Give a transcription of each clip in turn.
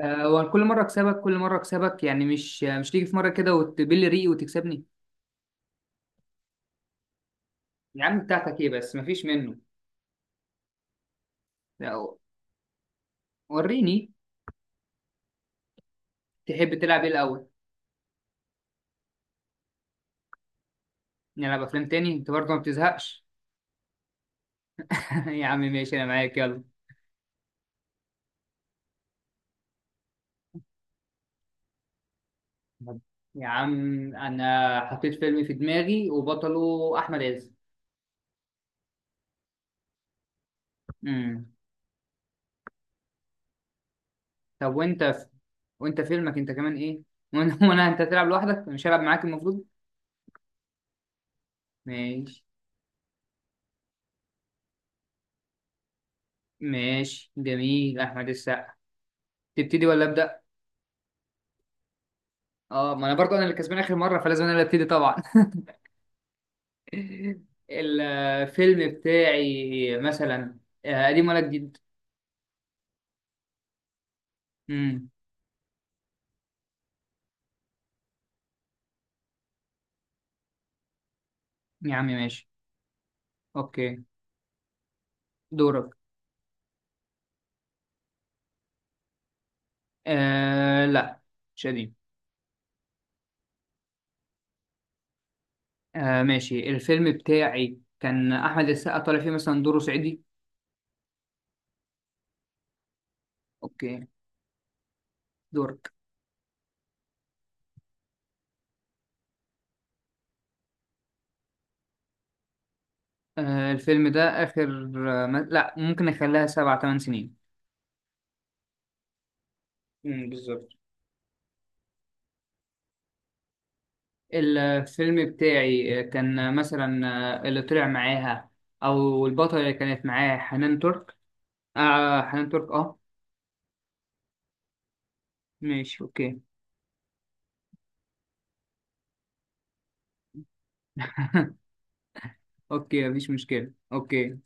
وكل مرة أكسبك كل مرة أكسبك، يعني مش تيجي في مرة كده وتبل ريقي وتكسبني. يا عم بتاعتك إيه؟ بس مفيش منه. لا، وريني. تحب تلعب إيه الأول؟ نلعب أفلام تاني؟ أنت برضه ما بتزهقش؟ يا عم ماشي، أنا معاك يلا. يا عم، أنا حطيت فيلم في دماغي وبطله أحمد عز. امم طب وأنت وأنت فيلمك أنت كمان إيه؟ وأنا أنت تلعب لوحدك، مش هلعب معاك المفروض. ماشي. ماشي، جميل، أحمد السقا. تبتدي ولا أبدأ؟ اه، ما انا برضو انا اللي كسبان اخر مره، فلازم انا اللي ابتدي طبعا. الفيلم بتاعي مثلا آه، قديم ولا جديد؟ امم يا عمي ماشي. اوكي، دورك. آه لا، مش قديم. آه ماشي، الفيلم بتاعي كان احمد السقا طالع فيه مثلا دوره صعيدي. اوكي، دورك. آه الفيلم ده اخر آه ما... لا، ممكن اخليها سبع ثمان سنين. بالظبط. الفيلم بتاعي كان مثلا اللي طلع معاها او البطلة اللي كانت معاها حنان ترك. آه حنان ترك اه. ماشي اوكي. اوكي مفيش مشكلة اوكي.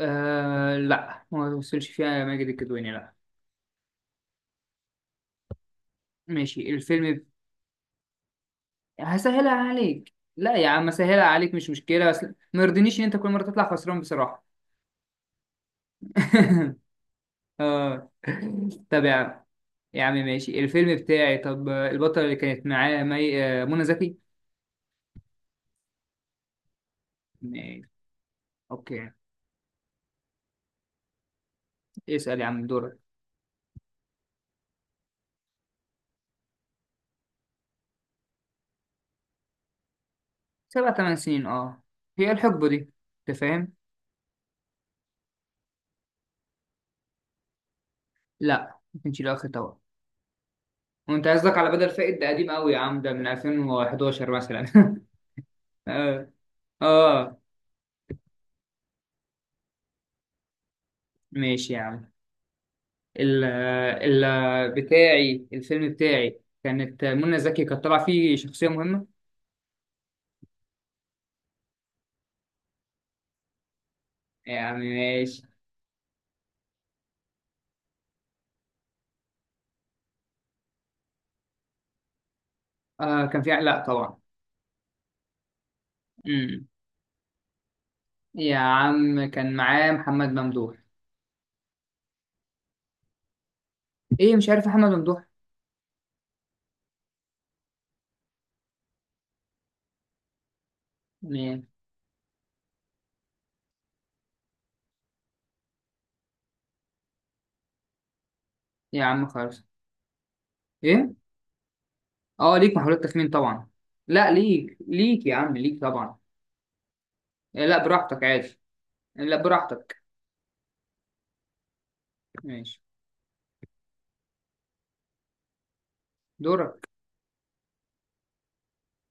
آه لا، ما وصلش فيها ماجد الكدواني، لا. ماشي، هسهلها عليك، لا يا عم هسهلها عليك، مش مشكلة، بس ما يرضينيش ان انت كل مرة تطلع خسران بصراحة. اه. طب يا عم، يا عم ماشي. الفيلم بتاعي، طب البطلة اللي كانت معاه مي... آه، منى زكي. ماشي اوكي. اسأل يا عم دورك. سبع تمن سنين اه، هي الحقبة دي. انت فاهم؟ لا ما كانش له اخر طبعا. وانت قصدك على بدل فائد؟ ده قديم قوي يا عم، ده من 2011 مثلا. اه. اه ماشي يا عم. ال بتاعي، الفيلم بتاعي كانت منى زكي كانت طالعة فيه شخصية مهمة. يا عم ماشي. آه كان في، لا طبعا. امم يا عم كان معاه محمد ممدوح. ايه مش عارف محمد ممدوح مين؟ يا عم خالص. ايه، اه ليك محاولات تخمين طبعا. لا ليك، ليك يا عم، ليك طبعا. إيه، لا براحتك عادي. آه، لا براحتك. ماشي. دورك.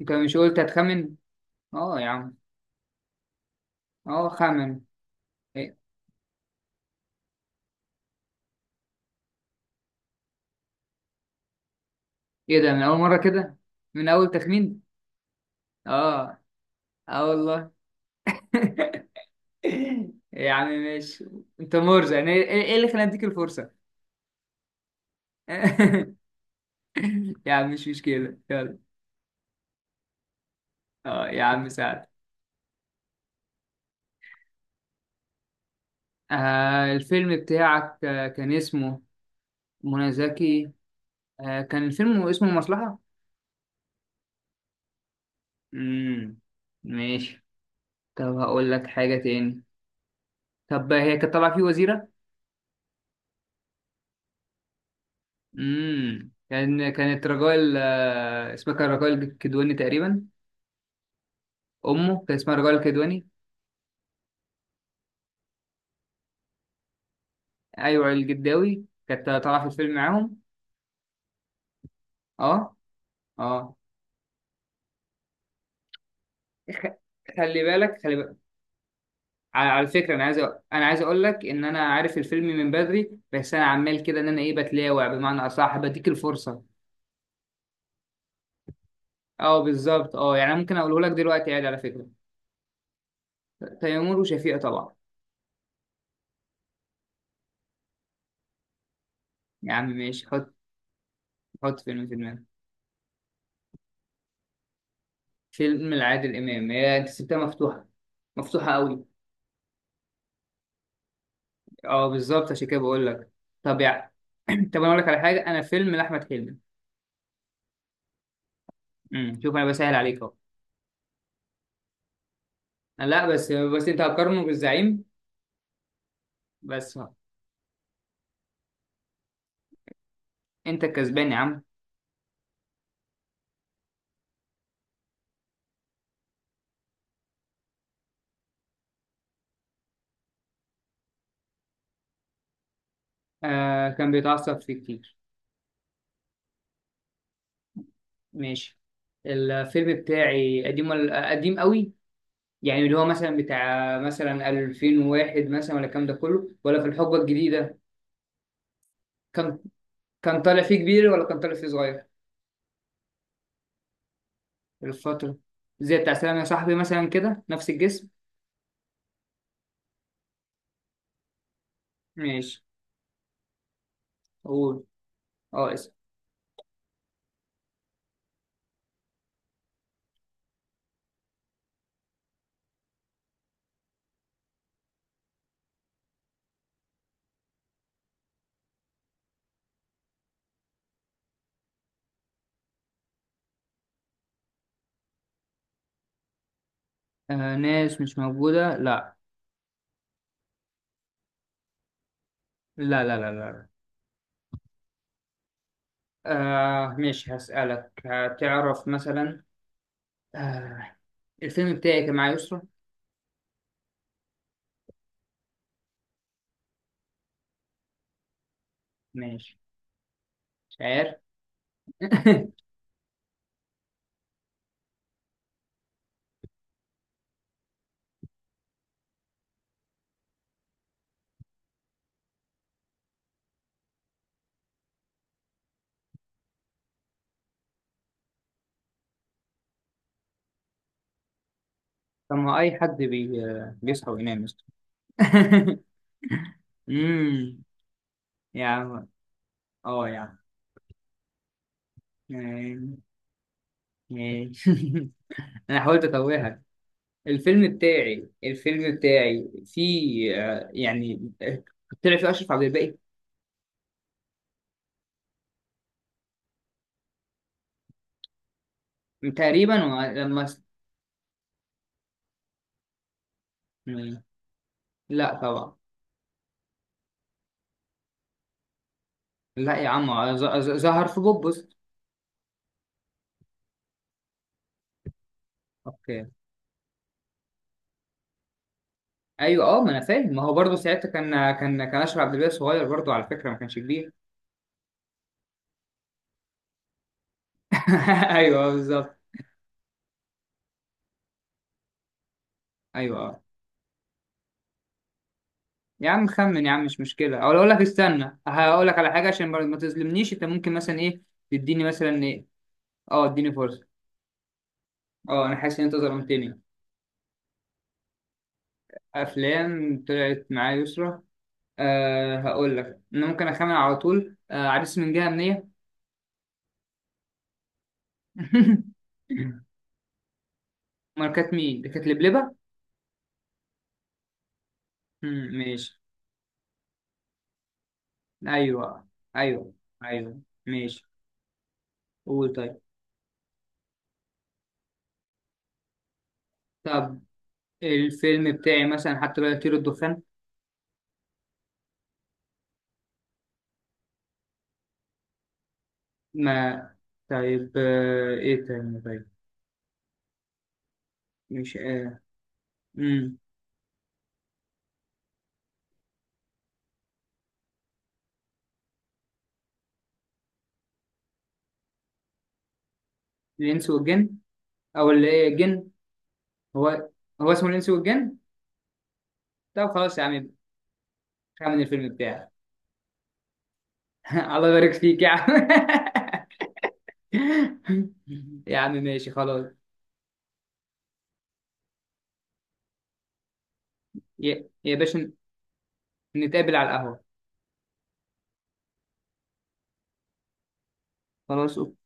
انت مش قلت هتخمن؟ اه يا عم. اه خمن. ايه. إيه ده من اول مرة كده؟ من اول تخمين؟ اه. اه والله. يا عم ماشي. انت مرزق، يعني ايه إيه اللي خلاني اديك الفرصة؟ يا عم مش مشكلة يلا. اه يا عم سعد. آه الفيلم بتاعك آه، كان اسمه منى زكي آه كان الفيلم اسمه المصلحة. امم ماشي. طب هقول لك حاجة تاني، طب هي كانت طالعة فيه وزيرة. كان كانت رجال آه اسمها كان رجال الكدواني تقريبا. أمه كان اسمها رجال الكدواني. أيوة الجداوي كانت طالعة في الفيلم معاهم. اه. اه. خ- خلي بالك، خلي بالك. على على فكرة، أنا عايز أنا عايز أقول لك إن أنا عارف الفيلم من بدري، بس أنا عمال كده إن أنا إيه بتلاوع، بمعنى أصح بديك الفرصة. اه بالظبط، اه يعني أنا ممكن أقوله لك دلوقتي عادي على فكرة. تيمور وشفيقة طبعا. يا عم ماشي، حط. حط فيلم في دماغك. فيلم لعادل إمام، هي أنت سبتها مفتوحة، مفتوحة قوي. أه بالظبط عشان كده بقول لك. طب يا طب أنا أقول لك على حاجة، أنا فيلم لأحمد حلمي. شوف أنا بسهل عليك أهو. لا بس أنت هتقارنه بالزعيم. بس أهو. أنت الكسبان يا عم. آه كان بيتعصب فيه كتير. ماشي. الفيلم بتاعي قديم ولا قديم قوي؟ يعني اللي هو مثلا بتاع مثلا 2001 مثلا ولا الكلام ده كله، ولا في الحقبة الجديدة؟ كان، كان طالع فيه كبير ولا كان طالع فيه صغير؟ الفترة، زي بتاع سلام يا صاحبي مثلا كده، نفس الجسم. ماشي. قول. اه اسم. آه ناس مش موجودة؟ لا لا. آه ماشي هسألك هتعرف مثلا. آه الفيلم بتاعي كان مع يسرا. ماشي. مش عارف. طب ما أي حد بيصحى وينام، يسرا. امم يا عم. اه يا عم. آه، ماشي. انا حاولت اتوهك. الفيلم بتاعي فيه طلع فيه أشرف عبد الباقي. تقريبا و- لما س- م- لا طبعا. لا يا عم، ظهر في بوبس. اوكي. ايوه اه، ما انا فاهم، ما هو برضه ساعتها كان اشرف عبد الباقي صغير برضه، على فكره ما كانش كبير. ايوه آه، بالظبط. ايوه اه. يا عم خمن يا عم، مش مشكله، او اقول لك استنى هقول لك على حاجه عشان ما ما تظلمنيش، انت ممكن مثلا ايه تديني مثلا ايه. اه اديني فرصه، اه انا حاسس ان انت ظلمتني. أفلام طلعت معايا يسرا. أه هقول لك أنا ممكن أخمن على طول، أه عريس من جهة أمنية. أمال كانت مين؟ دي كانت لبلبة؟ مم، ماشي. أيوه. أيوه. أيوه ماشي. قول طيب. طب الفيلم بتاعي مثلا حتى لو يطير الدخان. ما طيب، آه، إيه تاني طيب؟ مش آه. مم. الإنس والجن، أو اللي إيه الجن. هو، هو اسمه الإنس والجن؟ طب خلاص يا عم، خمن الفيلم بتاعي. الله يبارك فيك يا عم. يا عم ماشي خلاص. يا، يا باشا، نتقابل على القهوة. خلاص أوك-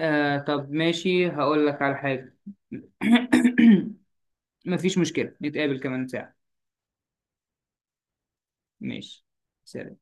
آه طب ماشي هقول لك على حاجة. مفيش مشكلة، نتقابل كمان ساعة. ماشي. سلام.